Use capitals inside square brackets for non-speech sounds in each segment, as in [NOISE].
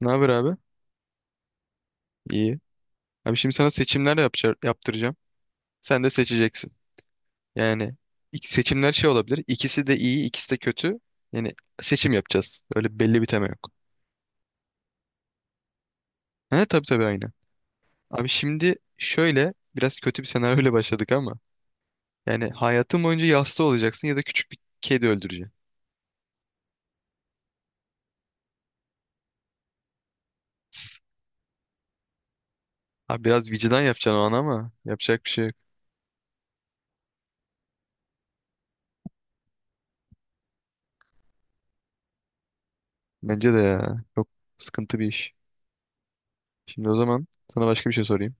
Ne haber abi? İyi. Abi şimdi sana seçimler yapacağım, yaptıracağım. Sen de seçeceksin. Yani seçimler şey olabilir. İkisi de iyi, ikisi de kötü. Yani seçim yapacağız. Öyle belli bir tema yok. He tabii tabii aynı. Abi şimdi şöyle biraz kötü bir senaryoyla [LAUGHS] başladık ama yani hayatın boyunca yasta olacaksın ya da küçük bir kedi öldüreceksin. Abi biraz vicdan yapacaksın o an ama yapacak bir şey yok. Bence de ya. Çok sıkıntı bir iş. Şimdi o zaman sana başka bir şey sorayım.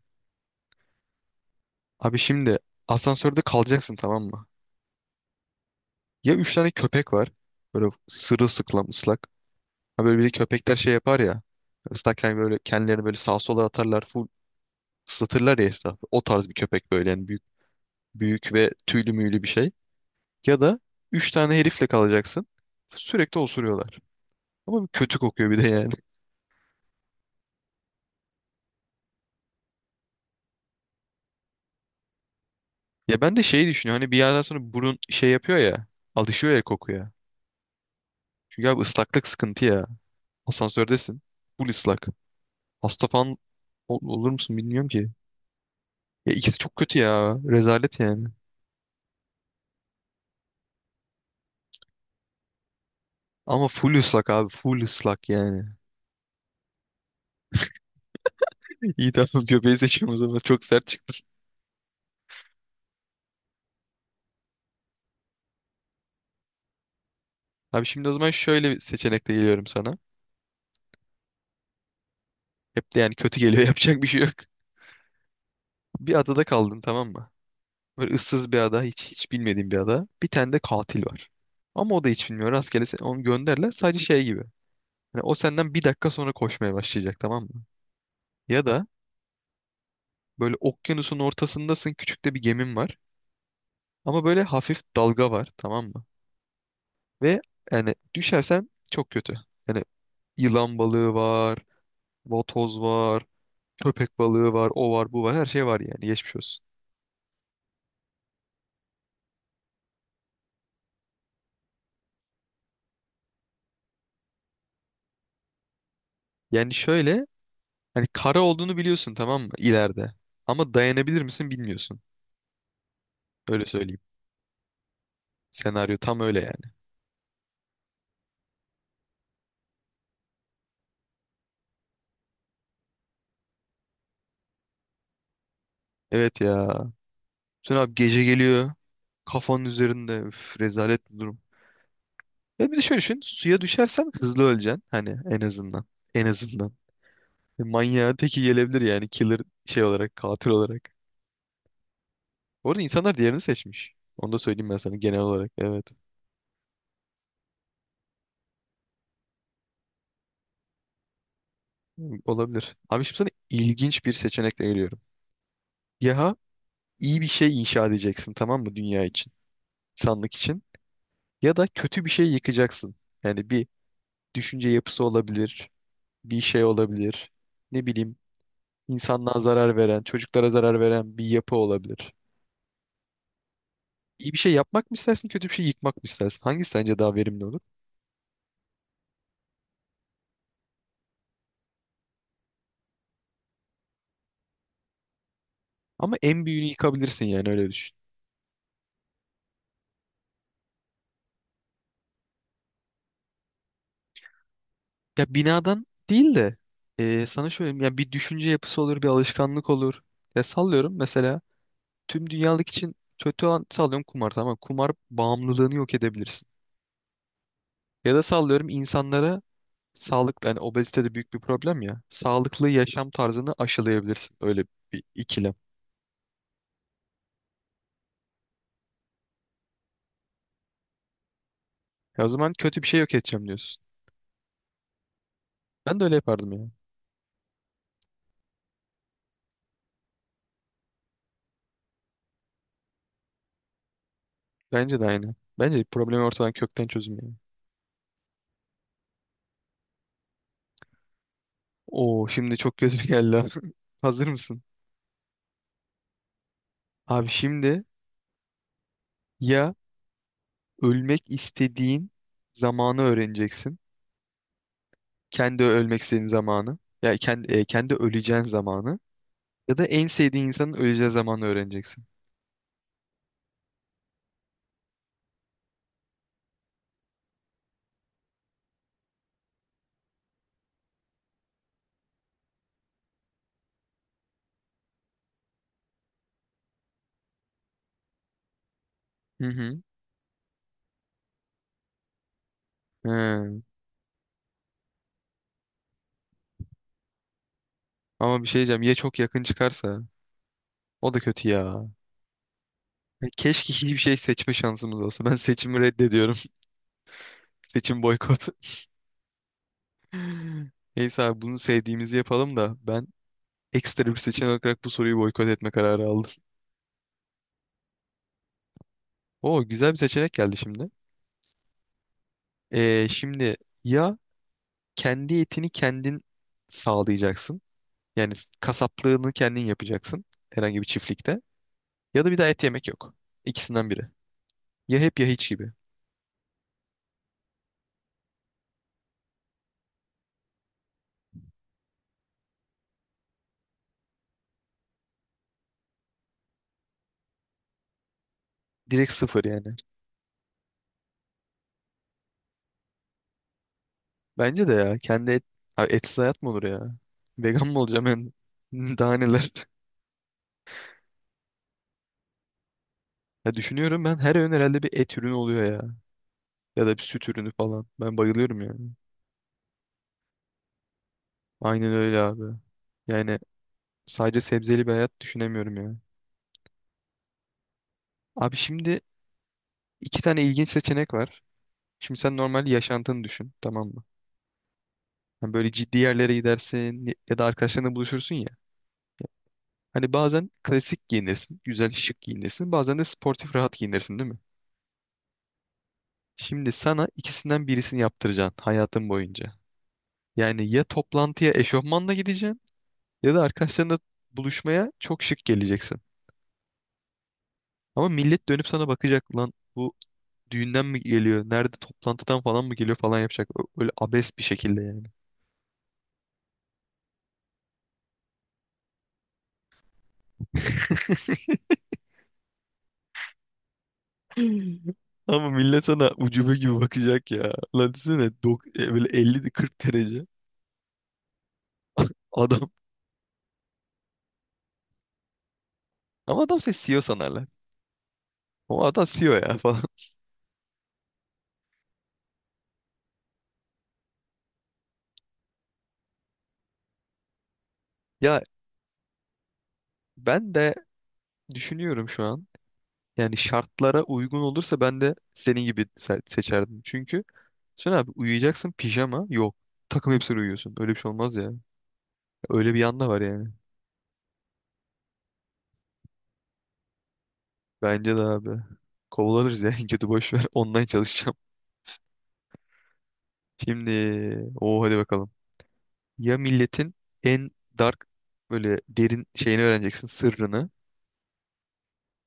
Abi şimdi asansörde kalacaksın, tamam mı? Ya üç tane köpek var. Böyle sırılsıklam ıslak. Ha böyle bir de köpekler şey yapar ya. Islakken böyle kendilerini böyle sağa sola atarlar. Full ıslatırlar ya etrafı. O tarz bir köpek böyle yani büyük, büyük ve tüylü müylü bir şey. Ya da üç tane herifle kalacaksın. Sürekli osuruyorlar. Ama bir kötü kokuyor bir de yani. [LAUGHS] Ya ben de şeyi düşünüyorum. Hani bir yerden sonra burun şey yapıyor ya. Alışıyor ya kokuya. Çünkü abi ıslaklık sıkıntı ya. Asansördesin. Full ıslak. Hasta falan olur musun bilmiyorum ki. Ya ikisi çok kötü ya. Rezalet yani. Ama full ıslak abi. Full ıslak yani. [LAUGHS] İyi, tamam, göbeği seçiyorum o zaman. Çok sert çıktı. Abi şimdi o zaman şöyle bir seçenekle geliyorum sana. Hep de yani kötü geliyor. [LAUGHS] Yapacak bir şey yok. Bir adada kaldın, tamam mı? Böyle ıssız bir ada. Hiç, hiç bilmediğin bir ada. Bir tane de katil var. Ama o da hiç bilmiyor. Rastgele onu gönderler. Sadece şey gibi. Hani o senden bir dakika sonra koşmaya başlayacak, tamam mı? Ya da böyle okyanusun ortasındasın. Küçük de bir gemin var. Ama böyle hafif dalga var, tamam mı? Ve yani düşersen çok kötü. Yani yılan balığı var, vatoz var, köpek balığı var, o var, bu var. Her şey var yani. Geçmiş olsun. Yani şöyle, hani kara olduğunu biliyorsun tamam mı, ileride. Ama dayanabilir misin bilmiyorsun. Öyle söyleyeyim. Senaryo tam öyle yani. Evet ya. Sen abi gece geliyor. Kafanın üzerinde. Üf, rezalet bir durum. Ya bir de şöyle düşün. Suya düşersen hızlı öleceksin. Hani en azından. En azından. Manyağın teki gelebilir yani. Killer şey olarak, katil olarak. Bu arada insanlar diğerini seçmiş. Onu da söyleyeyim ben sana genel olarak. Evet. Hmm, olabilir. Abi şimdi sana ilginç bir seçenekle geliyorum. Ya iyi bir şey inşa edeceksin tamam mı, dünya için, insanlık için, ya da kötü bir şey yıkacaksın. Yani bir düşünce yapısı olabilir, bir şey olabilir, ne bileyim, insanlığa zarar veren, çocuklara zarar veren bir yapı olabilir. İyi bir şey yapmak mı istersin, kötü bir şey yıkmak mı istersin? Hangisi sence daha verimli olur? Ama en büyüğünü yıkabilirsin yani, öyle düşün. Ya binadan değil de sana şöyle, ya bir düşünce yapısı olur, bir alışkanlık olur. Ya sallıyorum, mesela tüm dünyalık için kötü an sallıyorum kumar, tamam mı? Kumar bağımlılığını yok edebilirsin. Ya da sallıyorum insanlara sağlıklı, hani obezite de büyük bir problem ya. Sağlıklı yaşam tarzını aşılayabilirsin. Öyle bir ikilem. Ya o zaman kötü bir şey yok edeceğim diyorsun. Ben de öyle yapardım ya. Bence de aynı. Bence problemi ortadan kökten çözüm yani. Oo şimdi çok gözüme geldi, ha. [LAUGHS] Hazır mısın? Abi şimdi ya ölmek istediğin zamanı öğreneceksin. Kendi ölmek istediğin zamanı. Ya kendi, kendi öleceğin zamanı. Ya da en sevdiğin insanın öleceği zamanı öğreneceksin. Hı hı. He. Ama bir şey diyeceğim. Ya çok yakın çıkarsa? O da kötü ya. Ya keşke hiçbir şey seçme şansımız olsa. Ben seçimi reddediyorum. [LAUGHS] Seçim boykot. [LAUGHS] Neyse abi bunu sevdiğimizi yapalım da, ben ekstra bir seçenek olarak bu soruyu boykot etme kararı aldım. Oo güzel bir seçenek geldi şimdi. Şimdi ya kendi etini kendin sağlayacaksın. Yani kasaplığını kendin yapacaksın. Herhangi bir çiftlikte. Ya da bir daha et yemek yok. İkisinden biri. Ya hep ya hiç gibi. Direkt sıfır yani. Bence de ya. Kendi et, abi etsiz hayat mı olur ya? Vegan mı olacağım ben? [LAUGHS] Daha neler? Ya düşünüyorum, ben her öğün herhalde bir et ürünü oluyor ya. Ya da bir süt ürünü falan. Ben bayılıyorum yani. Aynen öyle abi. Yani sadece sebzeli bir hayat düşünemiyorum ya. Abi şimdi iki tane ilginç seçenek var. Şimdi sen normal yaşantını düşün, tamam mı? Hani böyle ciddi yerlere gidersin ya da arkadaşlarınla buluşursun ya. Hani bazen klasik giyinirsin, güzel şık giyinirsin. Bazen de sportif rahat giyinirsin, değil mi? Şimdi sana ikisinden birisini yaptıracaksın hayatın boyunca. Yani ya toplantıya eşofmanla gideceksin ya da arkadaşlarınla buluşmaya çok şık geleceksin. Ama millet dönüp sana bakacak, lan bu düğünden mi geliyor? Nerede, toplantıdan falan mı geliyor falan yapacak. Öyle abes bir şekilde yani. Ama millet sana ucube gibi bakacak ya. Lan desene böyle 50 40 derece [LAUGHS] adam. Ama adam seni CEO sanarlar. O adam CEO ya falan. [LAUGHS] Ya ben de düşünüyorum şu an. Yani şartlara uygun olursa ben de senin gibi seçerdim. Çünkü sen abi uyuyacaksın, pijama yok. Takım elbiseyle uyuyorsun. Öyle bir şey olmaz ya. Öyle bir yanda var yani. Bence de abi. Kovalanırız ya. [LAUGHS] En kötü boş ver. Online çalışacağım. Şimdi o, hadi bakalım. Ya milletin en dark böyle derin şeyini öğreneceksin, sırrını,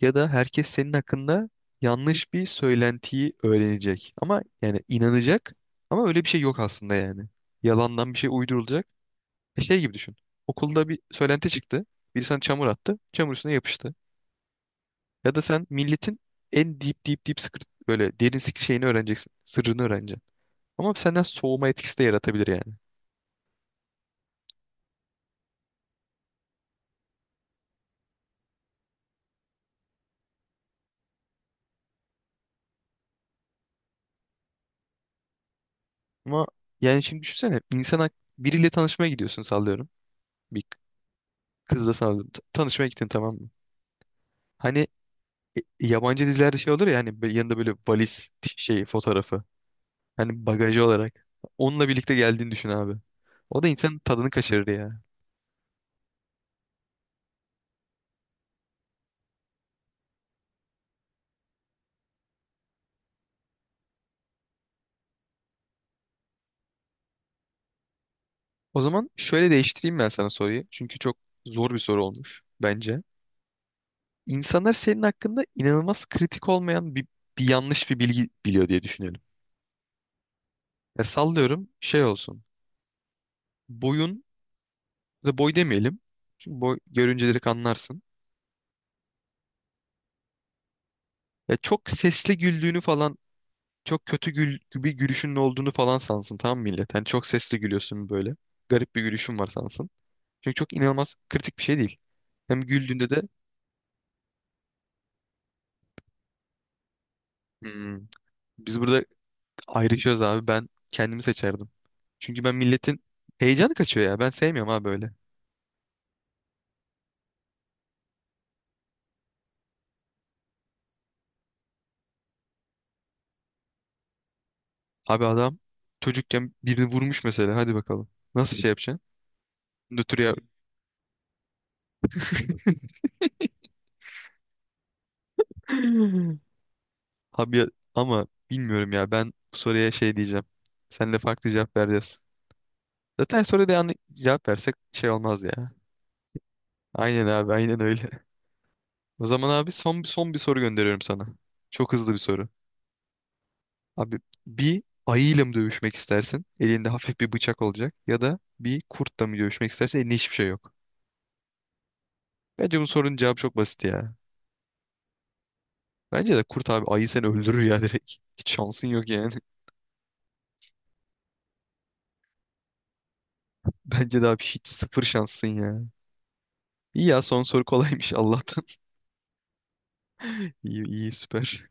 ya da herkes senin hakkında yanlış bir söylentiyi öğrenecek. Ama yani inanacak ama öyle bir şey yok aslında yani. Yalandan bir şey uydurulacak. Şey gibi düşün. Okulda bir söylenti çıktı. Biri sana çamur attı. Çamur üstüne yapıştı. Ya da sen milletin en deep deep deep secret böyle derin şeyini öğreneceksin. Sırrını öğreneceksin. Ama senden soğuma etkisi de yaratabilir yani. Ama yani şimdi düşünsene, insan biriyle tanışmaya gidiyorsun sallıyorum. Bir kızla sallıyorum. T- tanışmaya gittin tamam mı? Hani yabancı dizilerde şey olur ya, hani böyle yanında böyle valiz şey fotoğrafı. Hani bagajı olarak. Onunla birlikte geldiğini düşün abi. O da insanın tadını kaçırır ya. O zaman şöyle değiştireyim ben sana soruyu. Çünkü çok zor bir soru olmuş bence. İnsanlar senin hakkında inanılmaz kritik olmayan bir, bir yanlış bir bilgi biliyor diye düşünelim. Ya sallıyorum şey olsun. Boyun, da boy demeyelim. Çünkü boy görünce direkt anlarsın. Ya çok sesli güldüğünü falan, çok kötü gül, bir gülüşünün olduğunu falan sansın tamam mı millet? Hani çok sesli gülüyorsun böyle. Garip bir gülüşün var sansın. Çünkü çok inanılmaz kritik bir şey değil. Hem güldüğünde de hmm, biz burada ayrışıyoruz abi, ben kendimi seçerdim. Çünkü ben milletin heyecanı kaçıyor ya. Ben sevmiyorum abi böyle. Abi adam çocukken birini vurmuş mesela, hadi bakalım. Nasıl şey yapacaksın? Nötr ya abi, ama bilmiyorum ya, ben bu soruya şey diyeceğim. Sen de farklı cevap vereceğiz. Zaten soruya da yanlış cevap versek şey olmaz ya. Aynen abi, aynen öyle. [LAUGHS] O zaman abi son, son bir soru gönderiyorum sana. Çok hızlı bir soru. Abi bir ayıyla mı dövüşmek istersin? Elinde hafif bir bıçak olacak. Ya da bir kurtla mı dövüşmek istersin? Elinde hiçbir şey yok. Bence bu sorunun cevabı çok basit ya. Bence de kurt abi, ayı seni öldürür ya [LAUGHS] direkt. Hiç şansın yok yani. [LAUGHS] Bence de abi hiç sıfır şansın ya. İyi ya, son soru kolaymış Allah'tan. [LAUGHS] İyi iyi, süper.